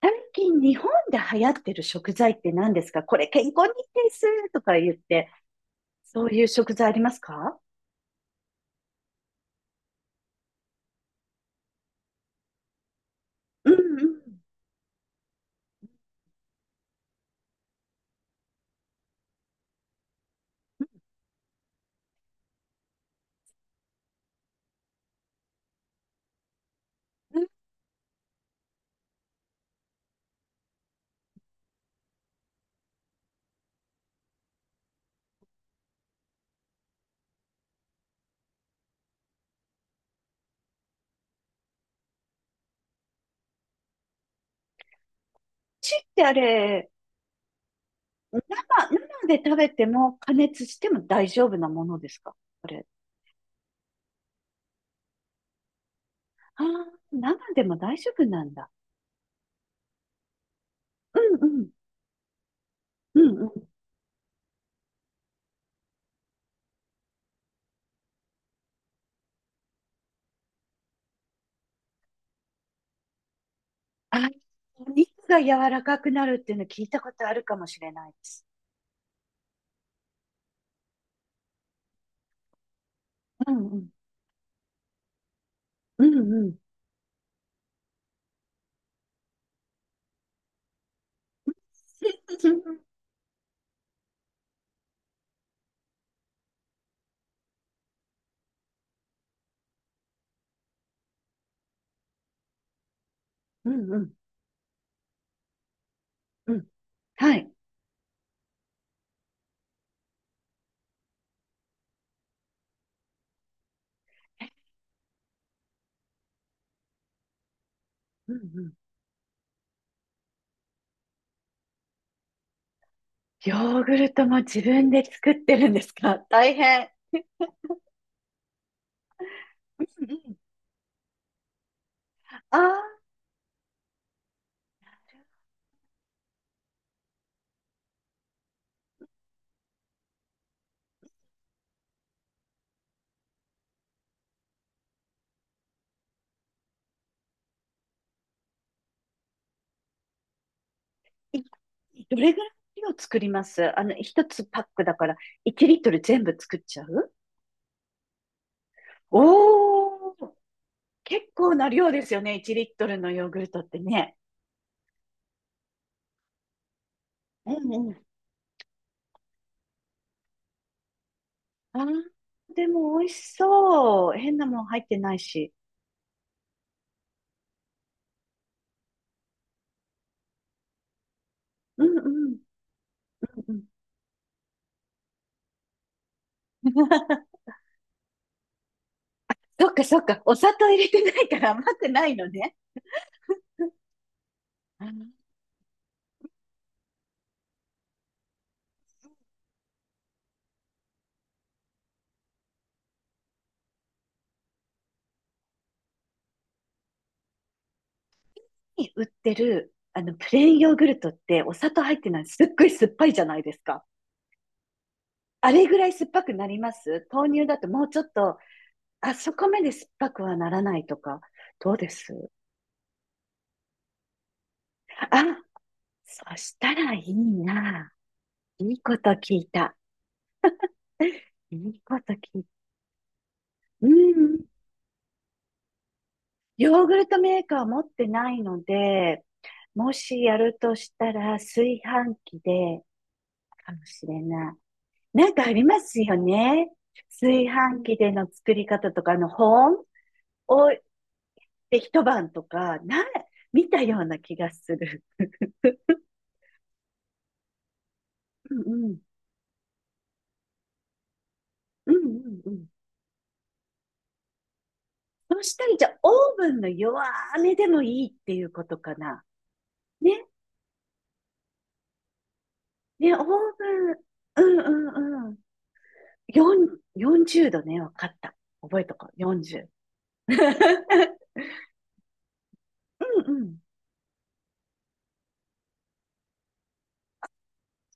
最近日本で流行ってる食材って何ですか？これ健康にいいですとか言って、そういう食材ありますか？うんうん。うちってあれ、生、生で食べても加熱しても大丈夫なものですか、これ。ああ、生でも大丈夫なんだ。うんうん。うんうん。あ、お肉が柔らかくなるっていうの聞いたことあるかもしれないです。うんうん。うんうん。うんうん。うんうん。はい。うんうん。ヨーグルトも自分で作ってるんですか？大変。うんうん。ああ、いどれぐらいの量作りますあの、一つパックだから1リットル全部作っちゃう？おー、結構な量ですよね、1リットルのヨーグルトってね。うんうん。あー、でも美味しそう。変なもん入ってないし。うんうん。うんうん。 そっかそっか、お砂糖入れてないから甘くないのね。に売ってる、あの、プレーンヨーグルトってお砂糖入ってない、すっごい酸っぱいじゃないですか。あれぐらい酸っぱくなります豆乳だともうちょっと、あそこまで酸っぱくはならないとか、どうですあ、そしたらいいな。いいこと聞いた。いいこと聞いた。うん。ヨーグルトメーカー持ってないので、もしやるとしたら炊飯器でかもしれない。なんかありますよね。炊飯器での作り方とか、あの、保温をで一晩とか、見たような気がする。うんうん。うんうんうん。そしたら、じゃあ、オーブンの弱めでもいいっていうことかな。ね、ね、オーブン、うんうんうん。4、40度ね、わかった。覚えとこう、40。うんうん。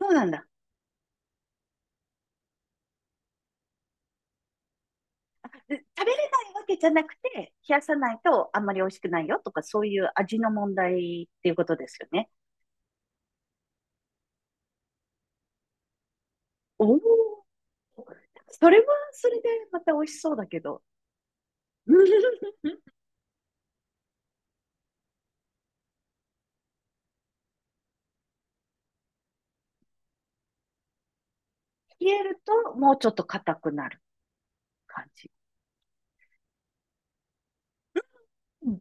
そうなんだ。食べれないわけじゃなくて、冷やさないとあんまり美味しくないよとか、そういう味の問題っていうことですよね。おお、それはそれでまた美味しそうだけど、冷えるともうちょっと硬くなる感じ。うん、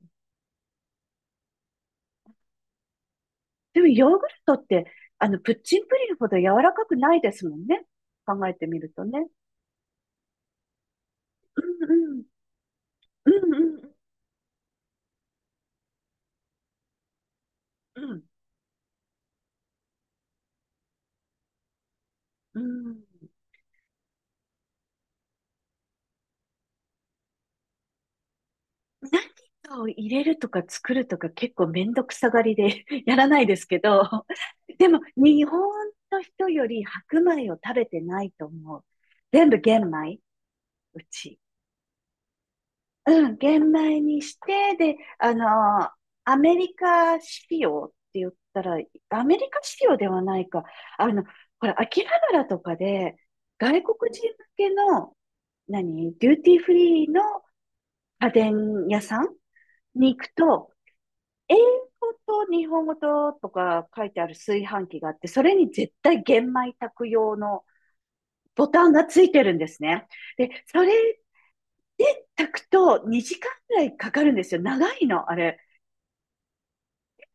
でもヨーグルトって、あの、プッチンプリンほど柔らかくないですもんね。考えてみるとね。うんうん。うんうんうん。うん。何かを入れるとか作るとか結構めんどくさがりで やらないですけど、でも日本の人より白米を食べてないと思う。全部玄米、うち。うん、玄米にして、で、アメリカ仕様って言ったら、アメリカ仕様ではないか。あの、これ、秋葉原とかで、外国人向けの、何、デューティーフリーの家電屋さんに行くと、英語と日本語ととか書いてある炊飯器があって、それに絶対玄米炊く用のボタンがついてるんですね。で、それ炊くと2時間ぐらいかかるんですよ。長いの、あれ。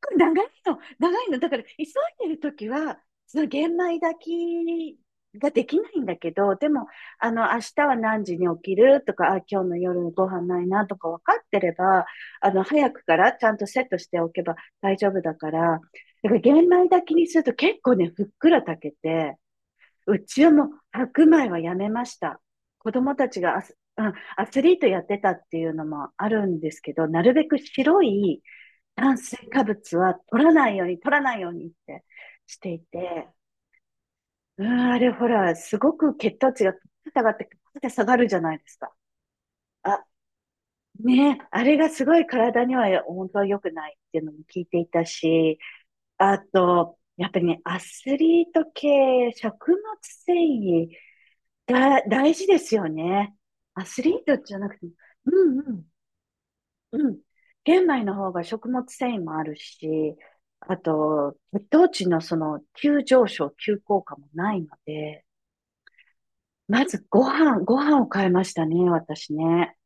構長いの、長いの。だから、急いでるときは、その玄米炊きができないんだけど、でも、あの、明日は何時に起きるとか、あ、今日の夜のご飯ないなとか分かってれば、あの、早くからちゃんとセットしておけば大丈夫だから、だから玄米炊きにすると結構ね、ふっくら炊けて、うちはもう白米はやめました。子供たちがうん、アスリートやってたっていうのもあるんですけど、なるべく白い炭水化物は取らないように、取らないようにってしていて、うん、あれほら、すごく血糖値が下がって、下がるじゃないですか。あ、ね、あれがすごい体には本当は良くないっていうのも聞いていたし、あと、やっぱりね、アスリート系、食物繊維、大事ですよね。アスリートじゃなくても、うんうんうん。玄米の方が食物繊維もあるし、あと、血糖値のその急上昇、急降下もないので、まずご飯、ご飯を変えましたね、私ね。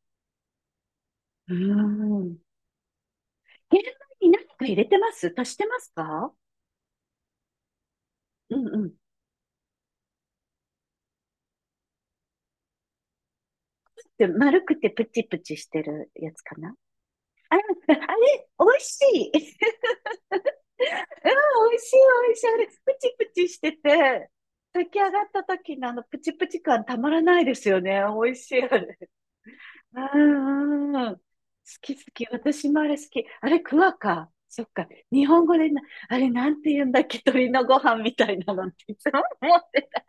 うーん。玄米に何か入れてます？足してますか？うんうん。で、丸くてプチプチしてるやつかなあ、あれ、美味しい。うん、美味しい、美味しい。あれ、プチプチしてて、炊き上がった時のあのプチプチ感たまらないですよね。美味しい、あれ。うん、好き好き。私もあれ好き。あれ、クワか。そっか。日本語であれなんて言うんだっけ、鳥のご飯みたいなのっていつも思ってた。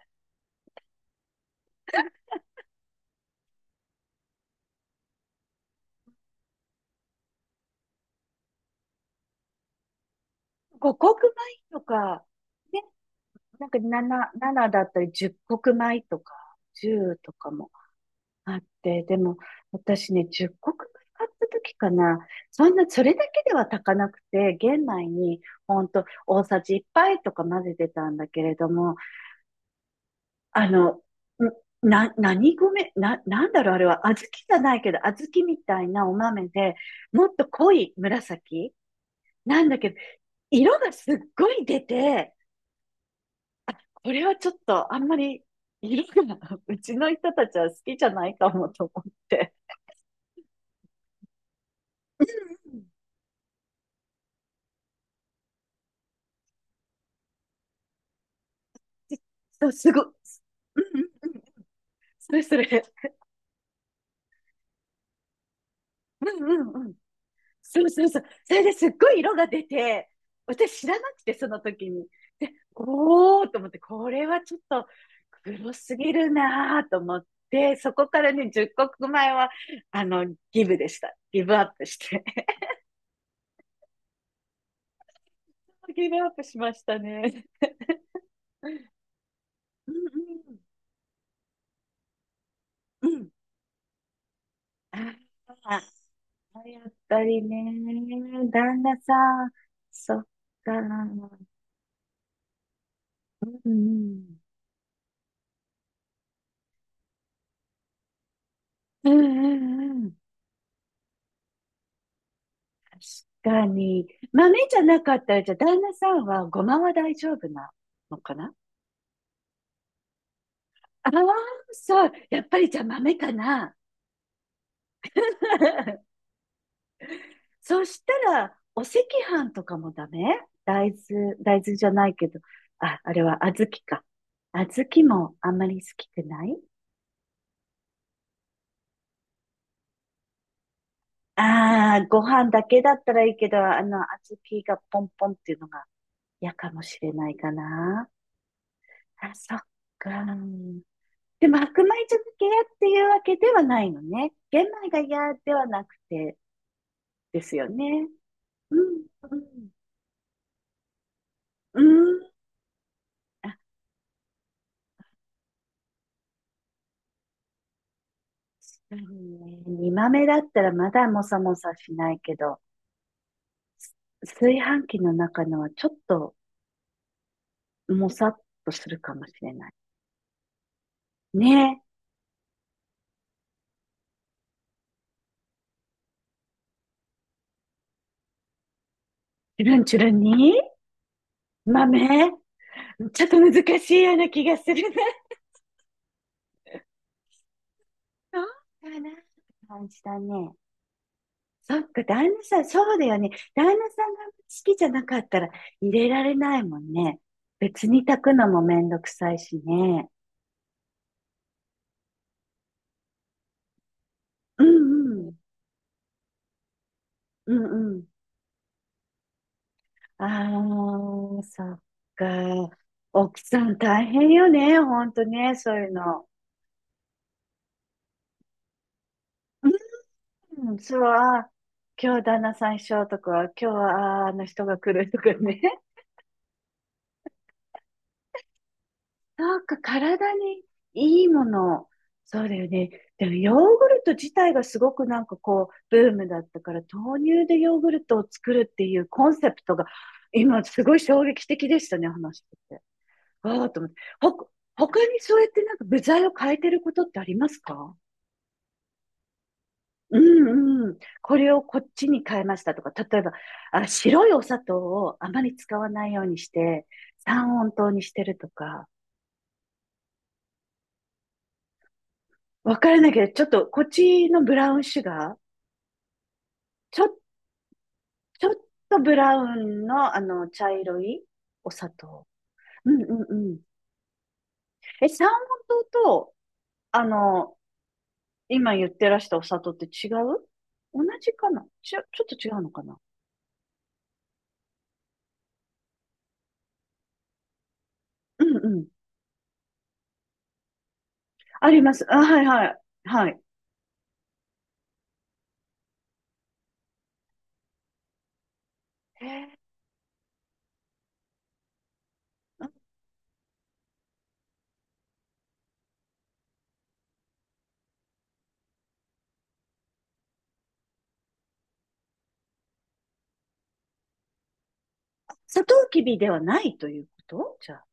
五穀米とか、ね、なんか7だったり十穀米とか、十とかもあって、でも私ね、十穀米買った時かな、そんな、それだけでは炊かなくて、玄米にほんと大さじ1杯とか混ぜてたんだけれども、あの、んな、何米、な、なんだろう、あれは、小豆じゃないけど、小豆みたいなお豆で、もっと濃い紫なんだけど、色がすっごい出て、これはちょっとあんまり色が うちの人たちは好きじゃないかもと思って。そう、すごい。うんうんうん。それそれ。うんうんうん。そうそうそう。それですっごい色が出て、私知らなくて、その時に。で、おーと思って、これはちょっと黒すぎるなーと思って、そこからね、10国前は、あの、ギブでした。ギブアップして。ギブアップしましたね。うんうん。うん。ああ、やっぱりね、旦那さん、そっか。うんうん。うんうんうん。確かに。豆じゃなかったら、じゃあ旦那さんはごまは大丈夫なのかな？ああ、そう。やっぱりじゃあ豆かな。そしたら、お赤飯とかもダメ？大豆、大豆じゃないけど。あ、あれは小豆か。小豆もあんまり好きくない？ああ、ご飯だけだったらいいけど、あの、小豆がポンポンっていうのが嫌かもしれないかな。あ、そっか。でも、白米漬け屋っていうわけではないのね。玄米が嫌ではなくてですよね。うん、うん、うん。あ、確かにね。煮豆だったらまだもさもさしないけど、炊飯器の中のはちょっともさっとするかもしれない。ねえ、チュルンチュルンに豆ちょっと難しいような気がするね。そうかなって感じだね。そっか、旦那さん、そうだよね。旦那さんが好きじゃなかったら入れられないもんね。別に炊くのもめんどくさいしね。うんうん。うんうん。ああ、そっか。奥さん大変よね。ほんとね、そういうの。うん、そう、あー今日旦那さん一緒とか、今日はあーあの人が来るとかね。そうか、体にいいもの。そうだよね。でもヨーグルト自体がすごくなんかこう、ブームだったから、豆乳でヨーグルトを作るっていうコンセプトが、今すごい衝撃的でしたね、話してて。わあと思って。ほ、他にそうやってなんか部材を変えてることってありますか？うんうん。これをこっちに変えましたとか、例えば、あ、白いお砂糖をあまり使わないようにして、三温糖にしてるとか。わからないけど、ちょっと、こっちのブラウンシュガー。ちょ、ちょっとブラウンの、あの、茶色いお砂糖。うんうんうん。え、サーモン糖と、あの、今言ってらしたお砂糖って違う？同じかな？ちょっと違うのかな？うんうん。あります。あ、はいはい。はい。へえ。砂糖きびではないということじゃあ。